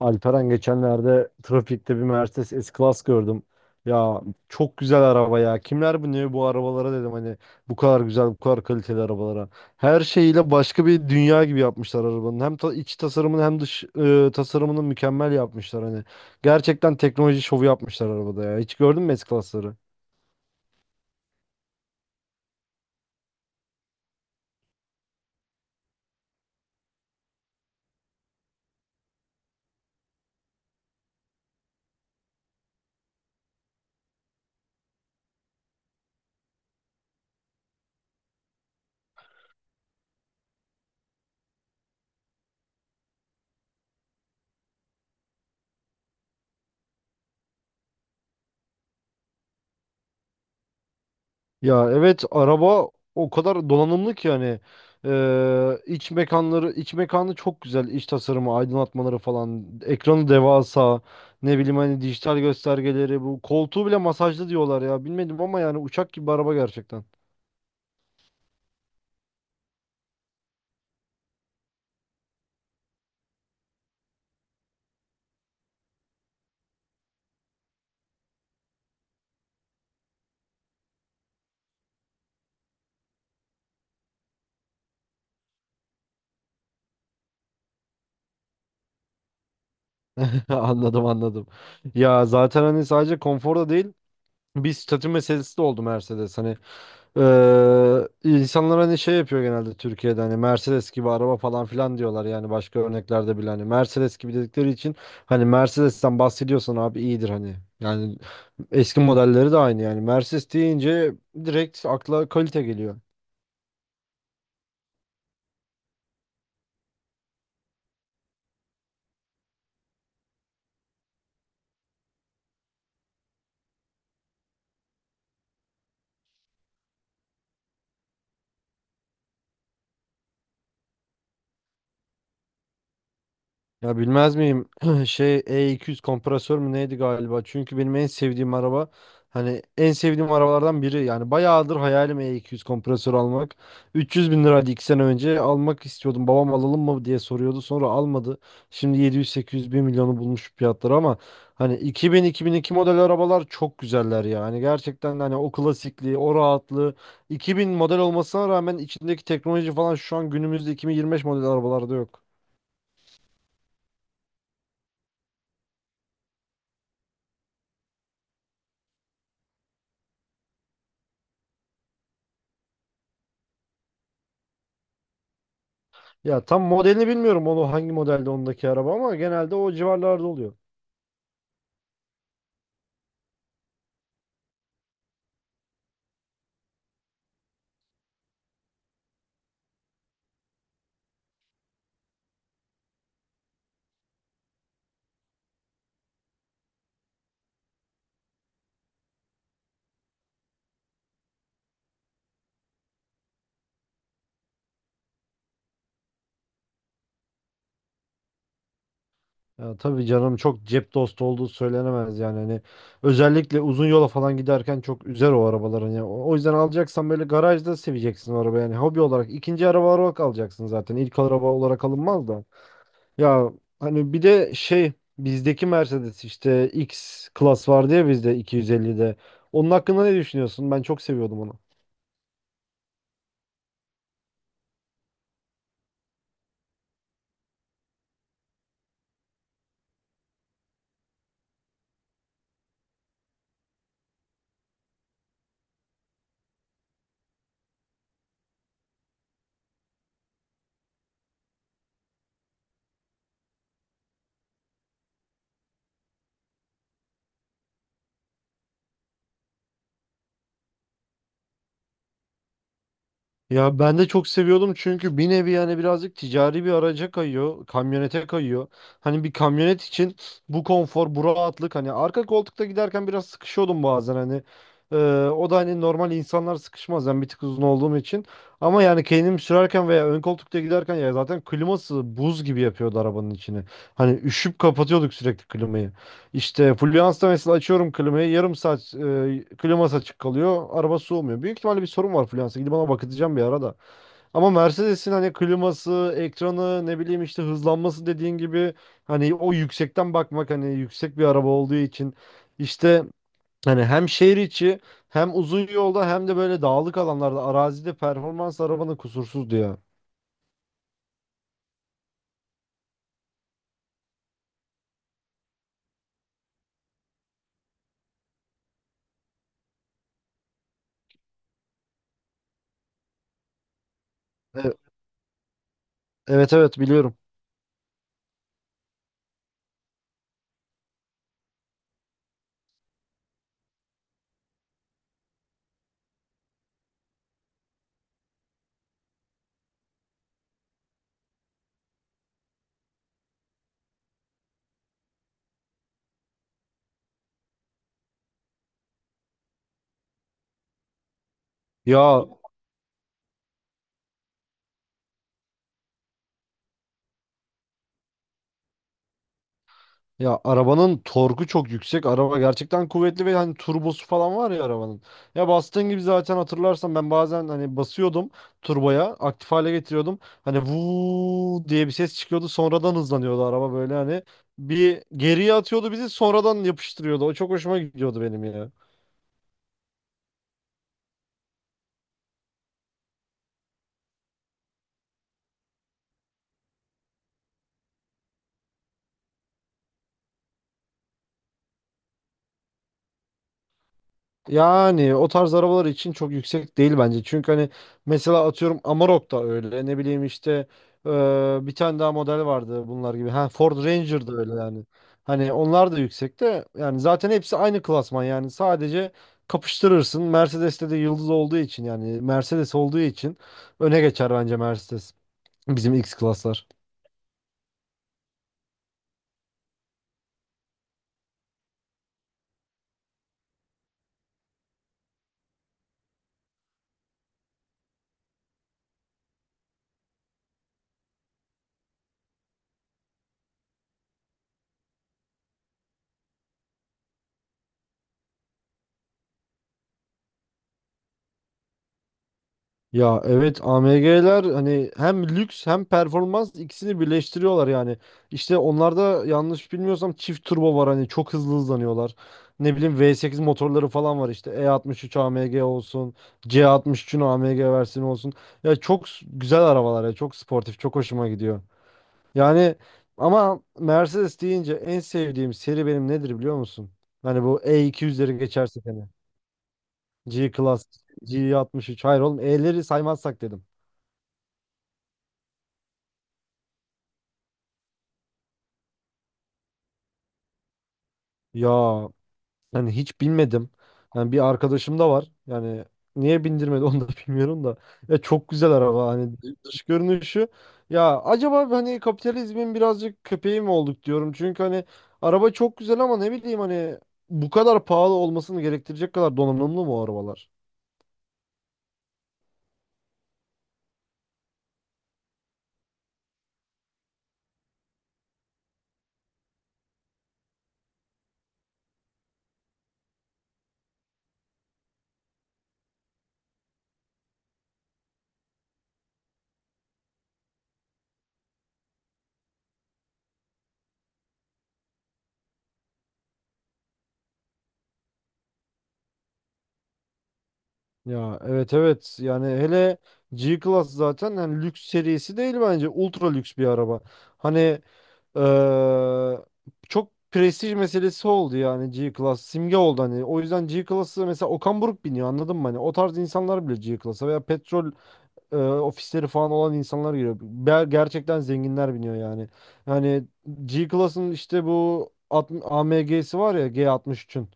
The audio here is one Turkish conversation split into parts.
Alperen geçenlerde trafikte bir Mercedes S-Class gördüm. Ya, çok güzel araba ya. Kimler bu, ne bu arabalara dedim, hani bu kadar güzel, bu kadar kaliteli arabalara. Her şeyiyle başka bir dünya gibi yapmışlar arabanın. Hem iç tasarımını hem dış tasarımını mükemmel yapmışlar hani. Gerçekten teknoloji şovu yapmışlar arabada ya. Hiç gördün mü S-Class'ları? Ya evet, araba o kadar donanımlı ki, yani iç mekanları iç mekanı çok güzel, iç tasarımı, aydınlatmaları falan, ekranı devasa, ne bileyim hani dijital göstergeleri, bu koltuğu bile masajlı diyorlar ya, bilmedim, ama yani uçak gibi bir araba gerçekten. Anladım, anladım. Ya zaten hani sadece konforda değil, bir statü meselesi de oldu Mercedes, hani insanlar hani şey yapıyor genelde Türkiye'de, hani "Mercedes gibi araba" falan filan diyorlar. Yani başka örneklerde bile hani Mercedes gibi dedikleri için, hani Mercedes'ten bahsediyorsan abi iyidir hani. Yani eski modelleri de aynı, yani Mercedes deyince direkt akla kalite geliyor. Ya bilmez miyim? Şey, E200 kompresör mü neydi galiba? Çünkü benim en sevdiğim araba, hani en sevdiğim arabalardan biri. Yani bayağıdır hayalim E200 kompresör almak. 300 bin liraydı, 2 sene önce almak istiyordum. Babam alalım mı diye soruyordu. Sonra almadı. Şimdi 700-800 bin milyonu bulmuş fiyatları, ama hani 2000-2002 model arabalar çok güzeller ya. Hani gerçekten de hani o klasikliği, o rahatlığı, 2000 model olmasına rağmen içindeki teknoloji falan şu an günümüzde 2025 model arabalarda yok. Ya tam modelini bilmiyorum, onu hangi modelde ondaki araba, ama genelde o civarlarda oluyor. Ya tabii canım, çok cep dostu olduğu söylenemez yani, hani özellikle uzun yola falan giderken çok üzer o arabaların ya. O yüzden alacaksan böyle garajda seveceksin o araba, yani hobi olarak, ikinci araba olarak alacaksın, zaten ilk araba olarak alınmaz da. Ya, hani bir de şey, bizdeki Mercedes işte X klas vardı ya, bizde 250'de. Onun hakkında ne düşünüyorsun? Ben çok seviyordum onu. Ya ben de çok seviyordum, çünkü bir nevi yani birazcık ticari bir araca kayıyor, kamyonete kayıyor. Hani bir kamyonet için bu konfor, bu rahatlık, hani arka koltukta giderken biraz sıkışıyordum bazen hani. Ee, o da hani normal insanlar sıkışmaz, ben bir tık uzun olduğum için. Ama yani kendim sürerken veya ön koltukta giderken, ya zaten kliması buz gibi yapıyordu arabanın içini. Hani üşüp kapatıyorduk sürekli klimayı. İşte Fluence'da mesela açıyorum klimayı, yarım saat kliması açık kalıyor, araba soğumuyor. Büyük ihtimalle bir sorun var Fluence'da, gidip ona bakacağım bir ara da. Ama Mercedes'in hani kliması, ekranı, ne bileyim işte hızlanması, dediğin gibi hani o yüksekten bakmak, hani yüksek bir araba olduğu için, işte hani hem şehir içi, hem uzun yolda, hem de böyle dağlık alanlarda arazide, performans arabanın kusursuzdu ya. E- Evet, evet, biliyorum. Ya Ya arabanın torku çok yüksek. Araba gerçekten kuvvetli ve hani turbosu falan var ya arabanın. Ya bastığın gibi zaten, hatırlarsan ben bazen hani basıyordum turboya, aktif hale getiriyordum. Hani vuu diye bir ses çıkıyordu, sonradan hızlanıyordu araba böyle hani. Bir geriye atıyordu bizi, sonradan yapıştırıyordu. O çok hoşuma gidiyordu benim ya. Yani o tarz arabalar için çok yüksek değil bence, çünkü hani mesela atıyorum Amarok da öyle. Ne bileyim işte bir tane daha model vardı bunlar gibi. Ha, Ford Ranger da öyle yani. Hani onlar da yüksek de, yani zaten hepsi aynı klasman, yani sadece kapıştırırsın. Mercedes'te de yıldız olduğu için, yani Mercedes olduğu için öne geçer bence Mercedes. Bizim X klaslar. Ya evet, AMG'ler hani hem lüks hem performans, ikisini birleştiriyorlar yani. İşte onlarda yanlış bilmiyorsam çift turbo var, hani çok hızlı hızlanıyorlar. Ne bileyim V8 motorları falan var, işte E63 AMG olsun, C63'ün AMG versiyonu olsun. Ya çok güzel arabalar ya, çok sportif, çok hoşuma gidiyor. Yani, ama Mercedes deyince en sevdiğim seri benim nedir biliyor musun? Hani bu E200'leri geçersek hani, G-Class, G63. Hayır oğlum, E'leri saymazsak dedim. Ya, yani hiç binmedim. Yani bir arkadaşım da var. Yani niye bindirmedi onu da bilmiyorum da. Ya çok güzel araba, hani dış görünüşü. Ya acaba hani kapitalizmin birazcık köpeği mi olduk diyorum? Çünkü hani araba çok güzel, ama ne bileyim hani bu kadar pahalı olmasını gerektirecek kadar donanımlı mı o arabalar? Ya evet, evet, yani hele G-Class zaten hani lüks serisi değil bence, ultra lüks bir araba. Hani eee, çok prestij meselesi oldu yani, G-Class simge oldu hani. O yüzden G-Class'ı mesela Okan Buruk biniyor, anladın mı hani? O tarz insanlar bile G-Class'a, veya petrol ofisleri falan olan insanlar giriyor. Gerçekten zenginler biniyor yani. Yani G-Class'ın işte bu AMG'si var ya, G63'ün.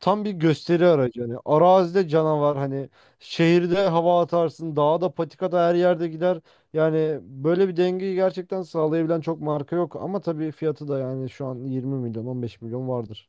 Tam bir gösteri aracı. Hani arazide canavar, hani şehirde hava atarsın, dağda, patikada, her yerde gider. Yani böyle bir dengeyi gerçekten sağlayabilen çok marka yok. Ama tabii fiyatı da, yani şu an 20 milyon, 15 milyon vardır.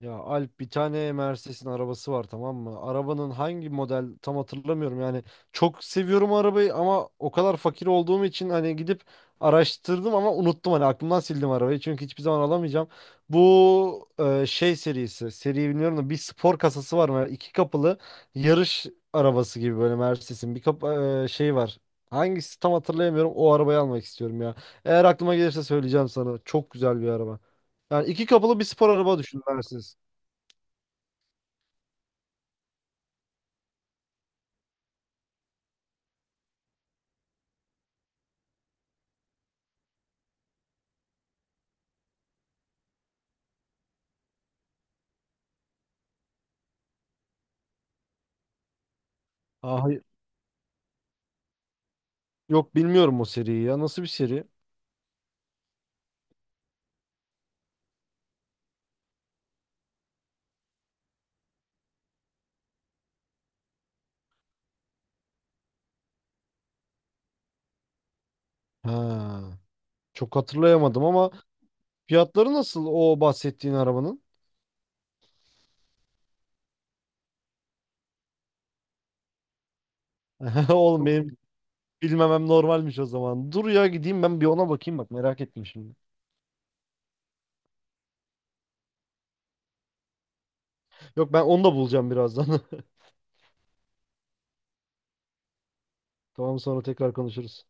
Ya Alp, bir tane Mercedes'in arabası var, tamam mı? Arabanın hangi model tam hatırlamıyorum yani. Çok seviyorum arabayı, ama o kadar fakir olduğum için hani gidip araştırdım ama unuttum, hani aklımdan sildim arabayı, çünkü hiçbir zaman alamayacağım. Bu şey serisi, seriyi bilmiyorum da, bir spor kasası var mı? İki kapılı yarış arabası gibi böyle Mercedes'in bir kap şey var. Hangisi tam hatırlayamıyorum. O arabayı almak istiyorum ya. Eğer aklıma gelirse söyleyeceğim sana. Çok güzel bir araba. Yani iki kapılı bir spor araba düşün. Aa, hayır. Yok, bilmiyorum o seriyi ya. Nasıl bir seri? Ha. Çok hatırlayamadım, ama fiyatları nasıl o bahsettiğin arabanın? Oğlum, çok benim bilmemem normalmiş o zaman. Dur ya, gideyim ben bir ona bakayım, bak merak ettim şimdi. Yok, ben onu da bulacağım birazdan. Tamam, sonra tekrar konuşuruz.